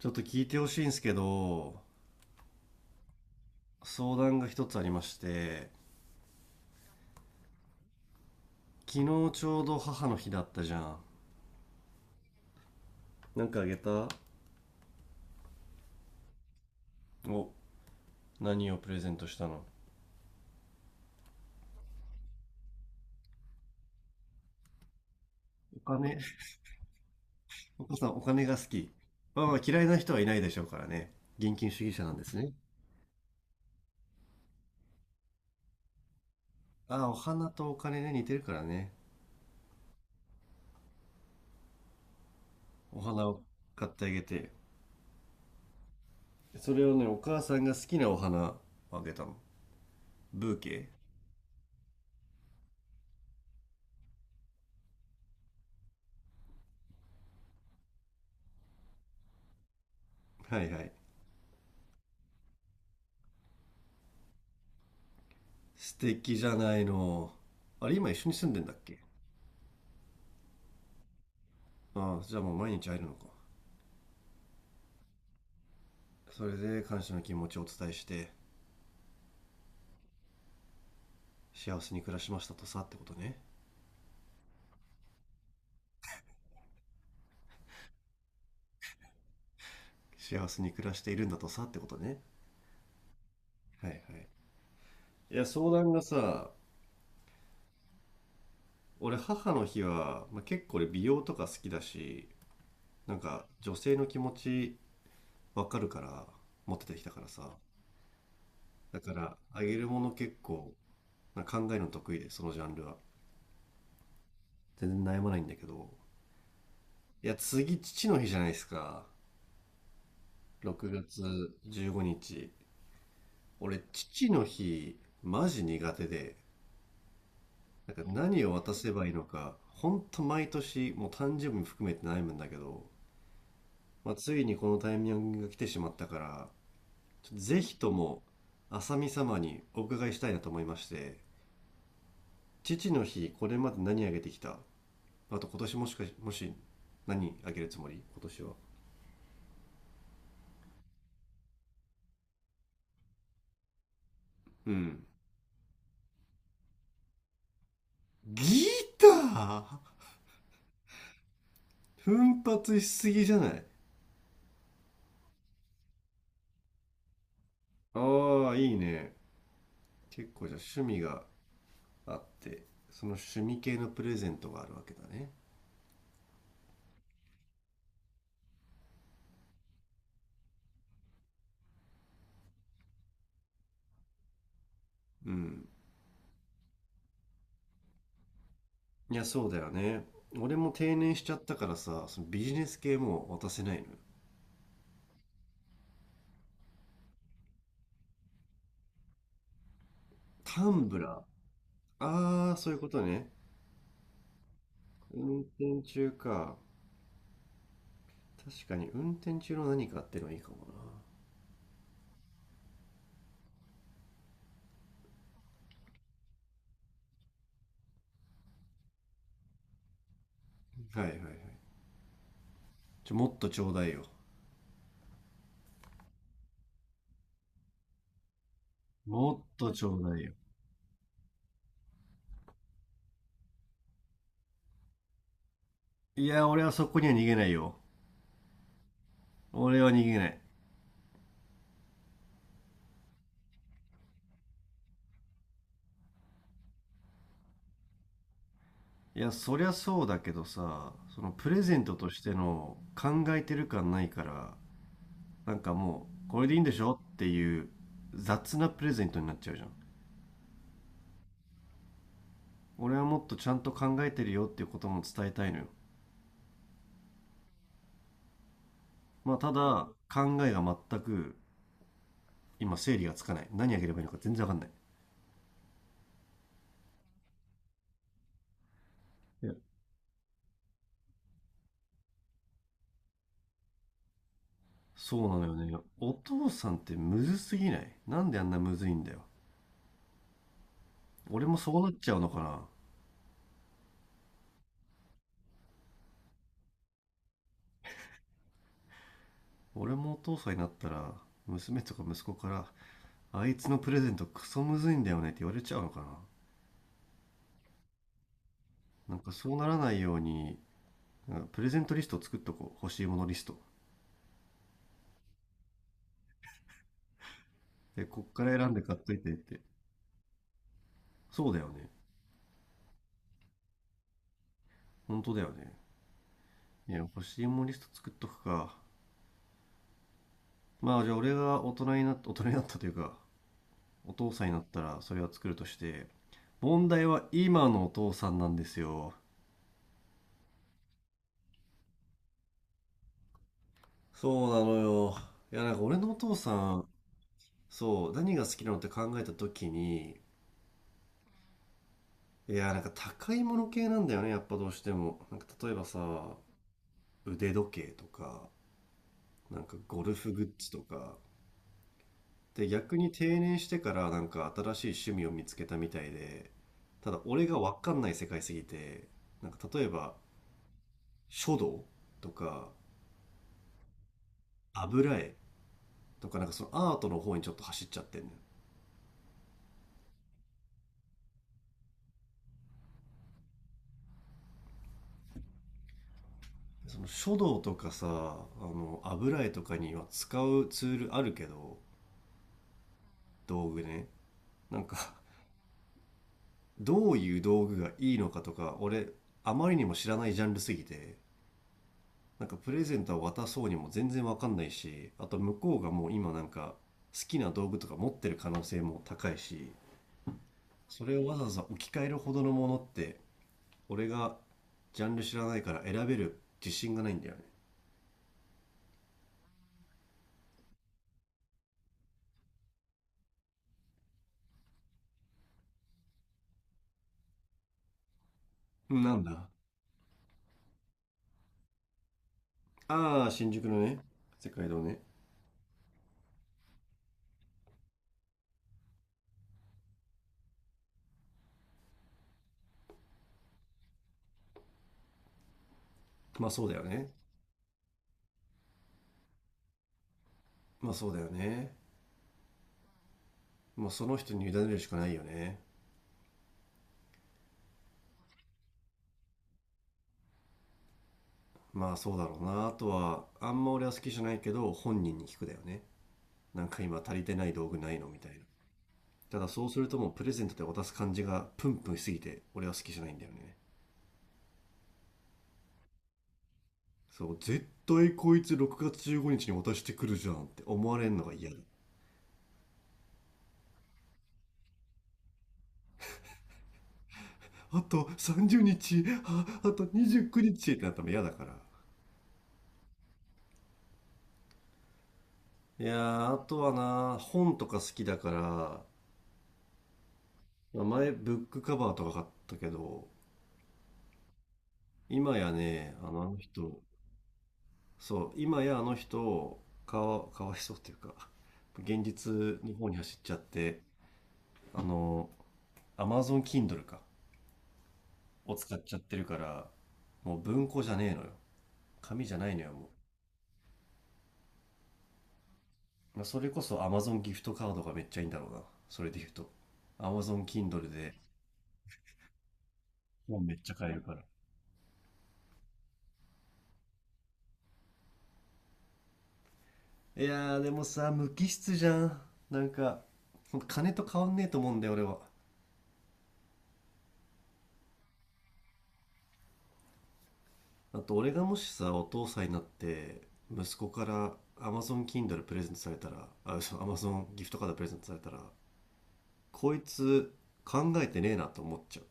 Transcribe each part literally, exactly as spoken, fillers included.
ちょっと聞いてほしいんですけど、相談が一つありまして、昨日ちょうど母の日だったじゃん。なんかあげた？お、何をプレゼントしたの？お金、お母さんお金が好き。まあまあ嫌いな人はいないでしょうからね。現金主義者なんですね。ああ、お花とお金ね、似てるからね。お花を買ってあげて。それをね、お母さんが好きなお花をあげたの。ブーケ。はいはい。素敵じゃないの。あれ、今一緒に住んでんだっけ？ああ、じゃあもう毎日会えるのか。それで感謝の気持ちをお伝えして幸せに暮らしましたとさってことね？幸せに暮らしているんだとさってことね？はいはい。いや、相談がさ、俺母の日は、まあ、結構俺美容とか好きだし、なんか女性の気持ちわかるから、持っててきたからさ、だからあげるもの結構なんか考えるの得意でそのジャンルは全然悩まないんだけど、いや、次父の日じゃないですか。ろくがつじゅうごにち。俺父の日マジ苦手で、なんか何を渡せばいいのか、ほんと毎年、もう誕生日も含めて悩むんだけど、まあ、ついにこのタイミングが来てしまったから、ちょっとぜひとも、浅見様にお伺いしたいなと思いまして、父の日、これまで何あげてきた？あと今年もしかし、もし、何あげるつもり今年は。うん。ギター。奮発しすぎじゃない？ああ、いいね。結構じゃあ趣味があって、その趣味系のプレゼントがあるわけだね。うん。いや、そうだよね。俺も定年しちゃったからさ、そのビジネス系も渡せないのよ。タンブラー。ああ、そういうことね。運転中か。確かに運転中の何かってのはいいかもな。はいはいはい。ちょ、もっとちょうだいよ。もっとちょうだいよ。いや、俺はそこには逃げないよ。俺は逃げない。いや、そりゃそうだけどさ、そのプレゼントとしての考えてる感ないから、なんかもう、これでいいんでしょっていう雑なプレゼントになっちゃうじゃん。俺はもっとちゃんと考えてるよっていうことも伝えたいのよ。まあただ、考えが全く今整理がつかない。何あげればいいのか全然わかんない。いや、そうなのよね。お父さんってむずすぎない？なんであんなむずいんだよ。俺もそうなっちゃうのかな？俺もお父さんになったら、娘とか息子から、あいつのプレゼントクソむずいんだよねって言われちゃうのかな？なんかそうならないように、なんかプレゼントリストを作っとこう。欲しいものリスト。で、こっから選んで買っといてって。そうだよね。本当だよね。いや、欲しいもんリスト作っとくか。まあ、じゃあ俺が大人になった大人になったというか、お父さんになったらそれは作るとして、問題は今のお父さんなんですよ。そうなのよ。いや、なんか俺のお父さん、そう、何が好きなのって考えた時に、いや、なんか高いもの系なんだよね、やっぱどうしても。なんか例えばさ、腕時計とか、なんかゴルフグッズとか、で、逆に定年してからなんか新しい趣味を見つけたみたいで、ただ俺がわかんない世界すぎて、なんか例えば書道とか油絵とかなんかそのアートの方にちょっと走っちゃってんのよ。その書道とかさ、あの油絵とかには使うツールあるけど、道具ね。なんか どういう道具がいいのかとか、俺あまりにも知らないジャンルすぎて、なんかプレゼントは渡そうにも全然わかんないし、あと向こうがもう今なんか好きな道具とか持ってる可能性も高いし、それをわざわざ置き換えるほどのものって、俺がジャンル知らないから選べる自信がないんだよね。なんだ。ああ、新宿のね、世界堂ね。まあそうだよね。まあそうだよね。もうその人に委ねるしかないよね。まあそうだろうな。あとは、あんま俺は好きじゃないけど、本人に聞くだよね。なんか今足りてない道具ないのみたいな。ただそうするともうプレゼントで渡す感じがプンプンしすぎて俺は好きじゃないんだよね。そう、絶対こいつろくがつじゅうごにちにちに渡してくるじゃんって思われるのが嫌だ。あとさんじゅうにちあ、あとにじゅうくにちってなったら嫌だから、いや、ーあとはな本とか好きだから、まあ前ブックカバーとか買ったけど、今やね、あのあの人、そう今やあの人かわ、かわいそうっていうか現実の方に走っちゃって、あの Amazon Kindle かを使っちゃってるから、もう文庫じゃねえのよ。紙じゃないのよ、もう。まあ、それこそ Amazon ギフトカードがめっちゃいいんだろうな。それで言うと。Amazon Kindle で本めっちゃ買えるから。いやー、でもさ、無機質じゃん。なんか、ほんと金と変わんねえと思うんだよ、俺は。あと、俺がもしさ、お父さんになって、息子から Amazon Kindle プレゼントされたら、あ、嘘、Amazon ギフトカードプレゼントされたら、こいつ考えてねえなと思っちゃう。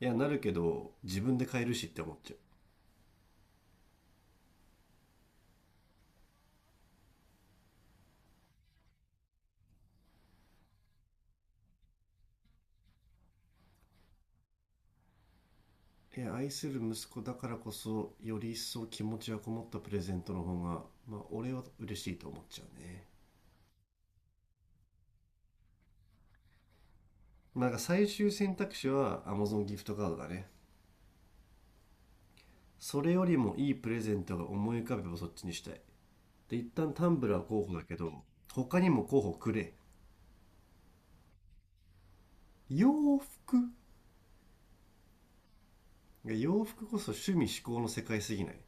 いや、なるけど、自分で買えるしって思っちゃう。えー愛する息子だからこそより一層気持ちがこもったプレゼントの方が、まあ、俺は嬉しいと思っちゃうね。なんか最終選択肢は Amazon ギフトカードだね。それよりもいいプレゼントが思い浮かべばそっちにしたい。で、一旦タンブラー候補だけど、他にも候補くれ。洋服。洋服こそ趣味嗜好の世界すぎない？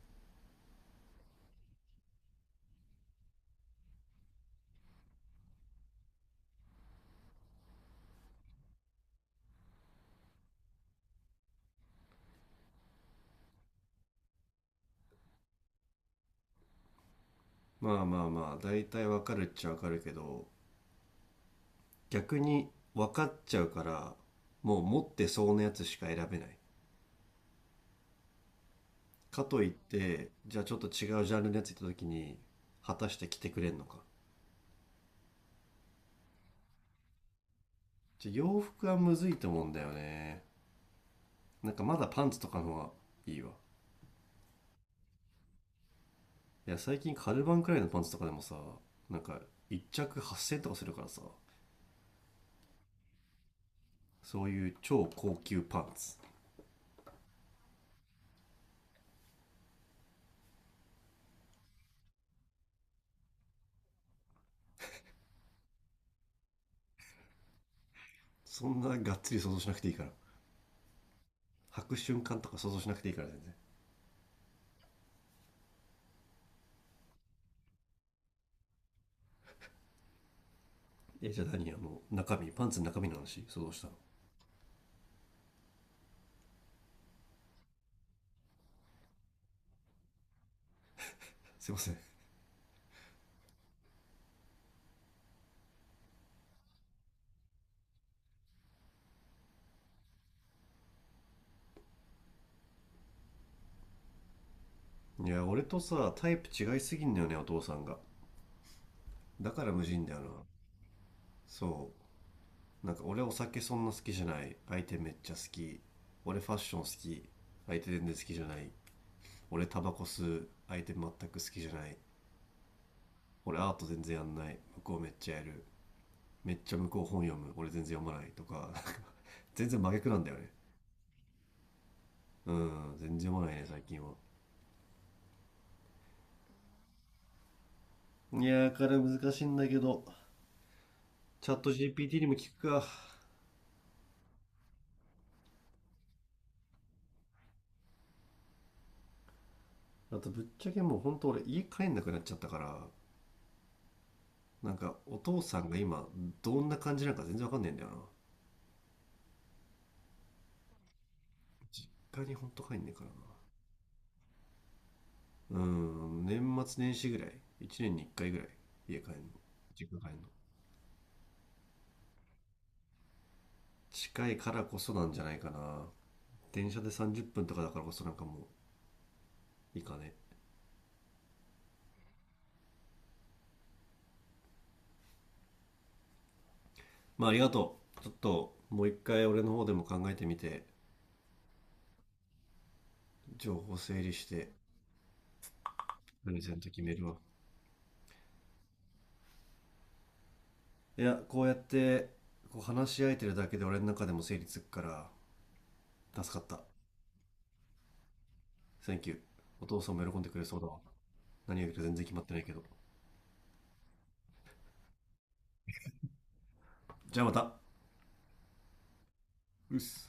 まあまあまあ大体わかるっちゃわかるけど、逆に分かっちゃうから、もう持ってそうなやつしか選べない。かといって、じゃあちょっと違うジャンルのやつ行った時に、果たして着てくれんのか。じゃあ洋服はむずいと思うんだよね。なんかまだパンツとかの方がいいわ。いや、最近カルバンくらいのパンツとかでもさ、なんか一着はっせんえんとかするからさ、そういう超高級パンツ。そんながっつり想像しなくていいから。履く瞬間とか想像しなくていいから全然。え、じゃあ何あの、中身、パンツの中身の話想像したの？すいません。いや、俺とさ、タイプ違いすぎんだよね、お父さんが。だから無人だよな。そう、なんか俺お酒そんな好きじゃない、相手めっちゃ好き、俺ファッション好き、相手全然好きじゃない、俺タバコ吸う、相手全く好きじゃない、俺アート全然やんない、向こうめっちゃやる、めっちゃ向こう本読む、俺全然読まないとか、なんか 全然真逆なんだよね。うん、全然読まないね最近は。いやーから難しいんだけど、チャット ジーピーティー にも聞くか。あとぶっちゃけもうほんと俺家帰んなくなっちゃったから、なんかお父さんが今どんな感じなのか全然わかんないんだよな。回にほんと帰んねえからな。うん、年末年始ぐらい、いちねんにいっかいぐらい家帰んの、実家帰んの、近いからこそなんじゃないかな。電車でさんじゅっぷんとかだからこそなんかもういいかね。まあありがとう。ちょっともう一回俺の方でも考えてみて、情報整理してプレゼント決めるわ。いや、こうやってこう話し合えてるだけで俺の中でも整理つくから助かった。 t ンキュー。お父さんも喜んでくれそうだわ。何がいるか全然決まってないけど、じゃあまた。うっす。